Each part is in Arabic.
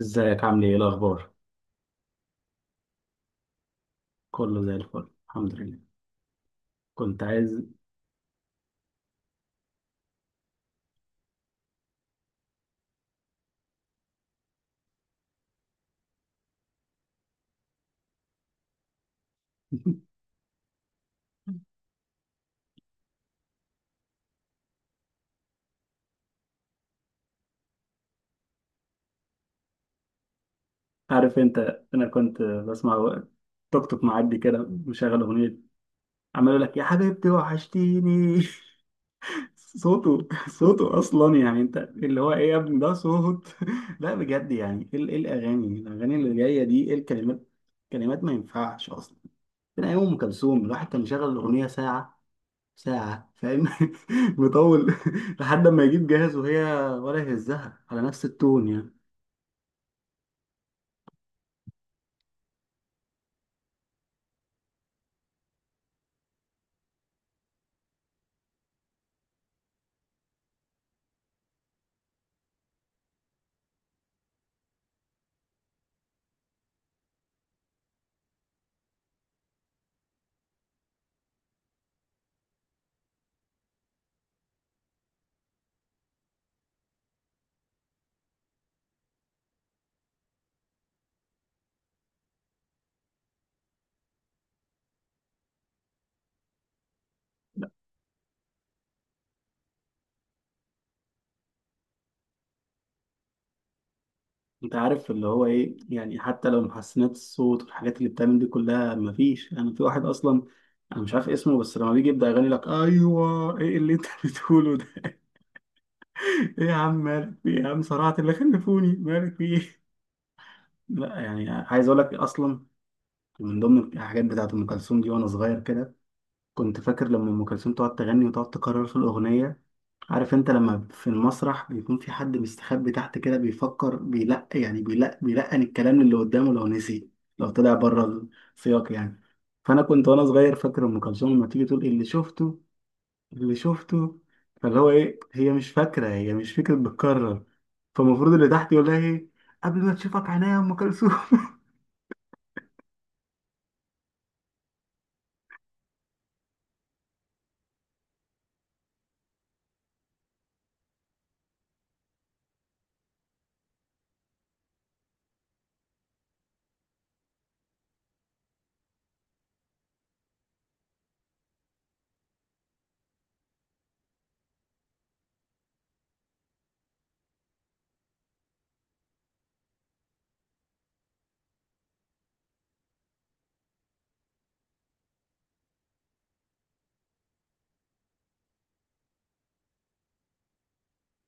ازيك، عامل ايه؟ ايه الاخبار؟ كله زي الفل، الحمد لله. كنت عايز... عارف انت، انا كنت بسمع توك توك معدي كده مشغل اغنيه، عمال يقول لك يا حبيبتي وحشتيني. صوته صوته اصلا، يعني انت اللي هو ايه يا ابني ده صوت. لا بجد، يعني ايه إيه الاغاني اللي جايه دي؟ ايه الكلمات؟ كلمات ما ينفعش اصلا. من ايام ام كلثوم، الواحد كان يشغل الاغنيه ساعه، ساعة، فاهم؟ مطول. لحد ما يجيب جاهز، وهي ولا يهزها على نفس التون يعني. لا، انت عارف اللي هو ايه، يعني حتى لو محسنات الصوت والحاجات اللي بتعمل دي كلها، مفيش. انا يعني في واحد اصلا، انا مش عارف اسمه، بس لما بيجي يبدأ يغني لك، ايوه ايه اللي انت بتقوله ده؟ ايه يا عم، مالك في ايه؟ يا عم صرعت اللي خلفوني، مالك في ايه؟ لا يعني عايز اقول لك، اصلا من ضمن الحاجات بتاعت ام كلثوم دي، وانا صغير كده كنت فاكر لما ام كلثوم تقعد تغني وتقعد تكرر في الاغنيه. عارف انت لما في المسرح بيكون في حد مستخبي تحت كده بيفكر بيلقن الكلام اللي قدامه لو نسي، لو طلع بره السياق يعني. فانا كنت وانا صغير فاكر ام كلثوم لما تيجي تقول: اللي شفته اللي شفته، فاللي هو ايه، هي مش فاكره، هي مش فكره، بتكرر. فالمفروض اللي تحت يقول لها ايه: قبل ما تشوفك عينيا يا ام كلثوم.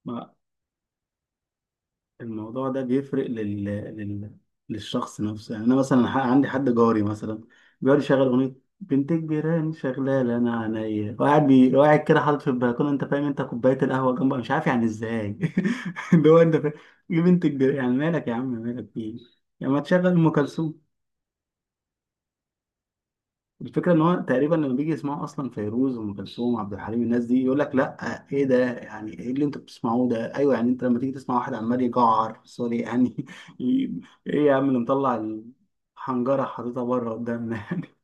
الموضوع ده بيفرق للشخص نفسه يعني. انا مثلا عندي حد جاري مثلا بيقعد يشغل اغنيه بنت كبيراني شغاله، انا عينيا وقاعد وقاعد كده حاطط في البلكونه، انت فاهم؟ انت كوبايه القهوه جنبه، مش عارف يعني ازاي. اللي هو انت فاهم، ايه بنت كبيراني؟ يعني مالك يا عم؟ مالك فيه؟ يعني ما تشغل ام كلثوم. الفكرة إن هو تقريبا لما بيجي يسمعوا أصلا فيروز وأم كلثوم وعبد الحليم، الناس دي يقول لك لأ، إيه ده؟ يعني إيه اللي أنتوا بتسمعوه ده؟ أيوه، يعني أنت لما تيجي تسمع واحد عمال يجعر، سوري يعني، ي- إيه يا عم اللي مطلع الحنجرة حاططها بره قدامنا؟ يعني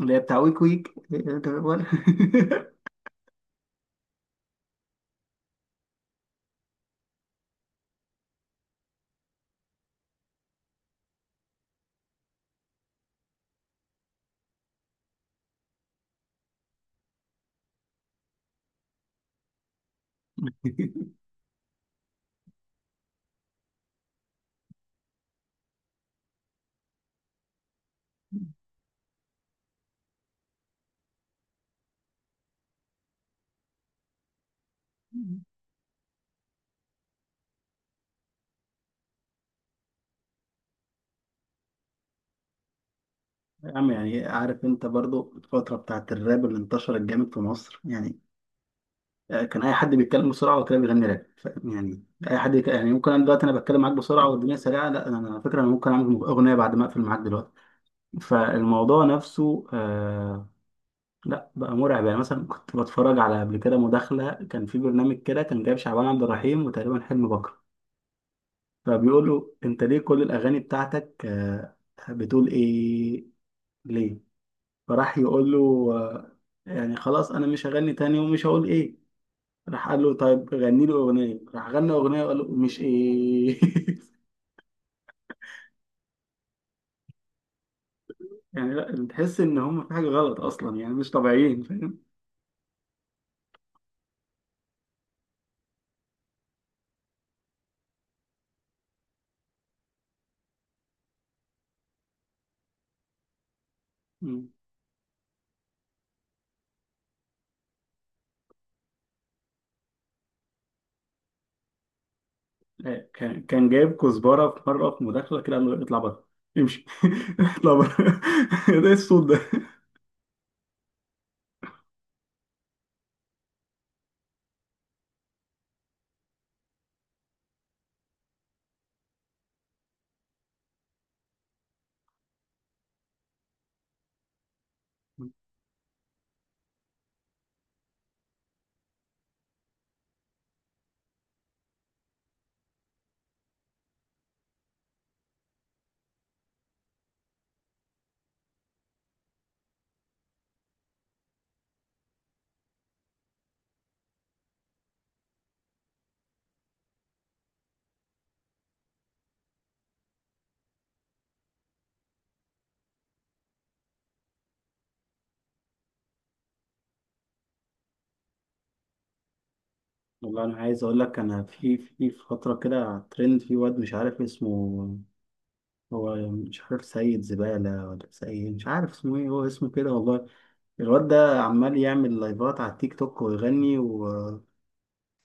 اللي هي بتاع ويك ويك أنت بتقول؟ يا عم، يعني عارف أنت برضو الفترة بتاعت الراب اللي انتشرت جامد في مصر يعني. آه، كان اي حد بيتكلم بسرعه وكان بيغني راب، فاهم؟ يعني اي حد يعني ممكن انا دلوقتي انا بتكلم معاك بسرعه والدنيا سريعه، لا انا على فكره انا ممكن اعمل اغنيه بعد ما اقفل معاك دلوقتي. فالموضوع نفسه آه، لا بقى مرعب. يعني مثلا كنت بتفرج على قبل كده مداخله، كان في برنامج كده كان جايب شعبان عبد الرحيم، وتقريبا حلمي بكر، فبيقول له: انت ليه كل الاغاني بتاعتك آه بتقول ايه؟ ليه؟ فراح يقول له: آه، يعني خلاص انا مش هغني تاني ومش هقول ايه. راح قال له طيب غني لي اغنيه، راح غنى اغنيه، وقال له: مش ايه. يعني لا، تحس ان هم في حاجه غلط اصلا، يعني مش طبيعيين، فاهم؟ مم. آه، كان جايب كزبره في مره في مداخله كده، قال له: اطلع بره، امشي. اطلع بره. ده إيه الصوت ده؟ والله انا عايز اقول لك، انا في فتره كده ترند في واد مش عارف اسمه، هو مش عارف سيد زبالة ولا سيد، مش عارف اسمه ايه، هو اسمه كده والله. الواد ده عمال يعمل لايفات على التيك توك ويغني.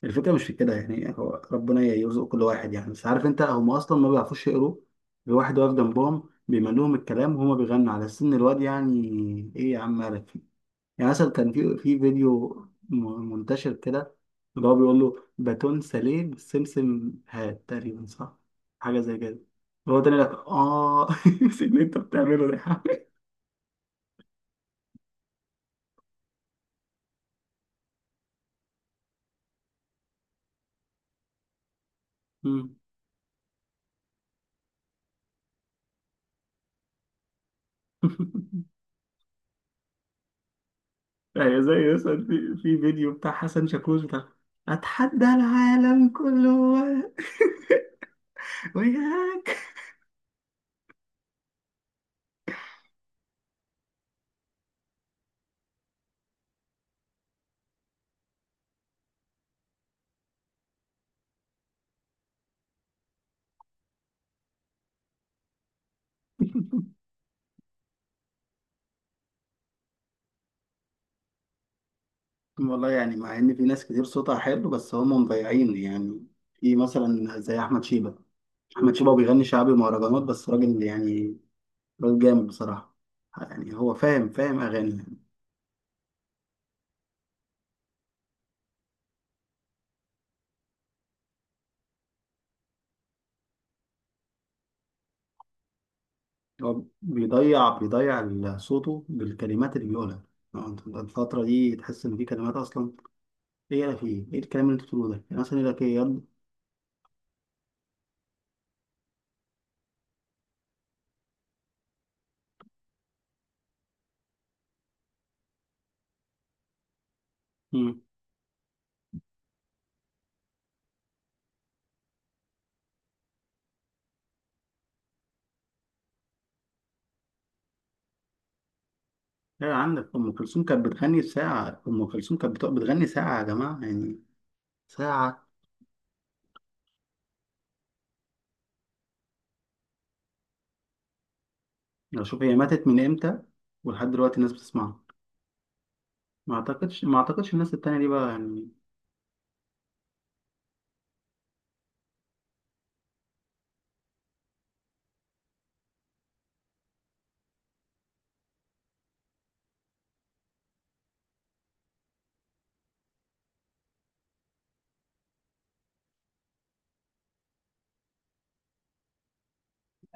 الفكرة مش في كده، يعني هو ربنا يرزق كل واحد يعني، بس عارف انت هم اصلا ما بيعرفوش يقروا. الواحد واقف جنبهم بيملوهم الكلام، وهما بيغنوا على سن الواد يعني. ايه يا عم، مالك فيه؟ يعني مثلا كان في فيديو منتشر كده اللي هو بيقول له: باتون ساليه بالسمسم هات، تقريبا صح حاجة زي كده. هو تاني لك، اه؟ نسيت اللي انت بتعمله ده يا حبيبي. هي زي مثلا في فيديو بتاع حسن شاكوش بتاع اتحدى العالم كله وياك. والله يعني، مع ان في ناس كتير صوتها حلو بس هم مضيعين يعني، في مثلا زي احمد شيبة. احمد شيبة بيغني شعبي ومهرجانات، بس راجل يعني، راجل جامد بصراحة. يعني هو فاهم، فاهم اغاني يعني. هو بيضيع صوته بالكلمات اللي بيقولها. يعني أنت الفترة دي تحس إن في كلمات أصلا، إيه يا أخي، إيه الكلام اللي أنت بتقوله ده؟ يعني مثلا يقول لك إيه؟ يلا. لا عندك أم كلثوم كانت بتغني ساعة، أم كلثوم كانت بتغني ساعة يا جماعة يعني، ساعة. لو شوف هي ماتت من إمتى، ولحد دلوقتي الناس بتسمعها. ما أعتقدش الناس التانية دي بقى يعني.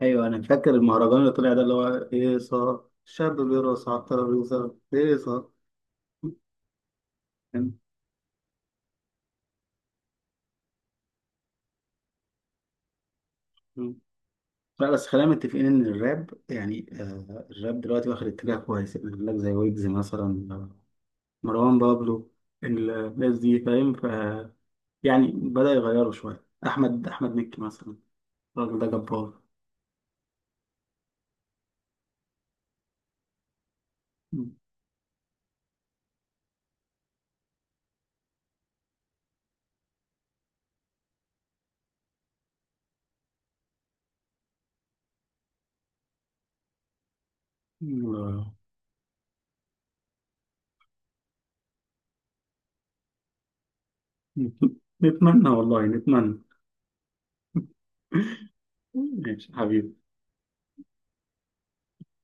أيوه أنا فاكر المهرجان اللي طلع ده اللي هو هيصة، الشاب بيرقص على الترابيزة هيصة. لا بس خلينا متفقين إن الراب يعني الراب دلوقتي واخد اتجاه كويس، يقول لك زي ويجز مثلا، مروان بابلو، الناس دي فاهم، يعني بدأ يغيره شوية، أحمد مكي مثلا، الراجل ده جبار. م- م- نتمنى والله، نتمنى. ماشي حبيبي.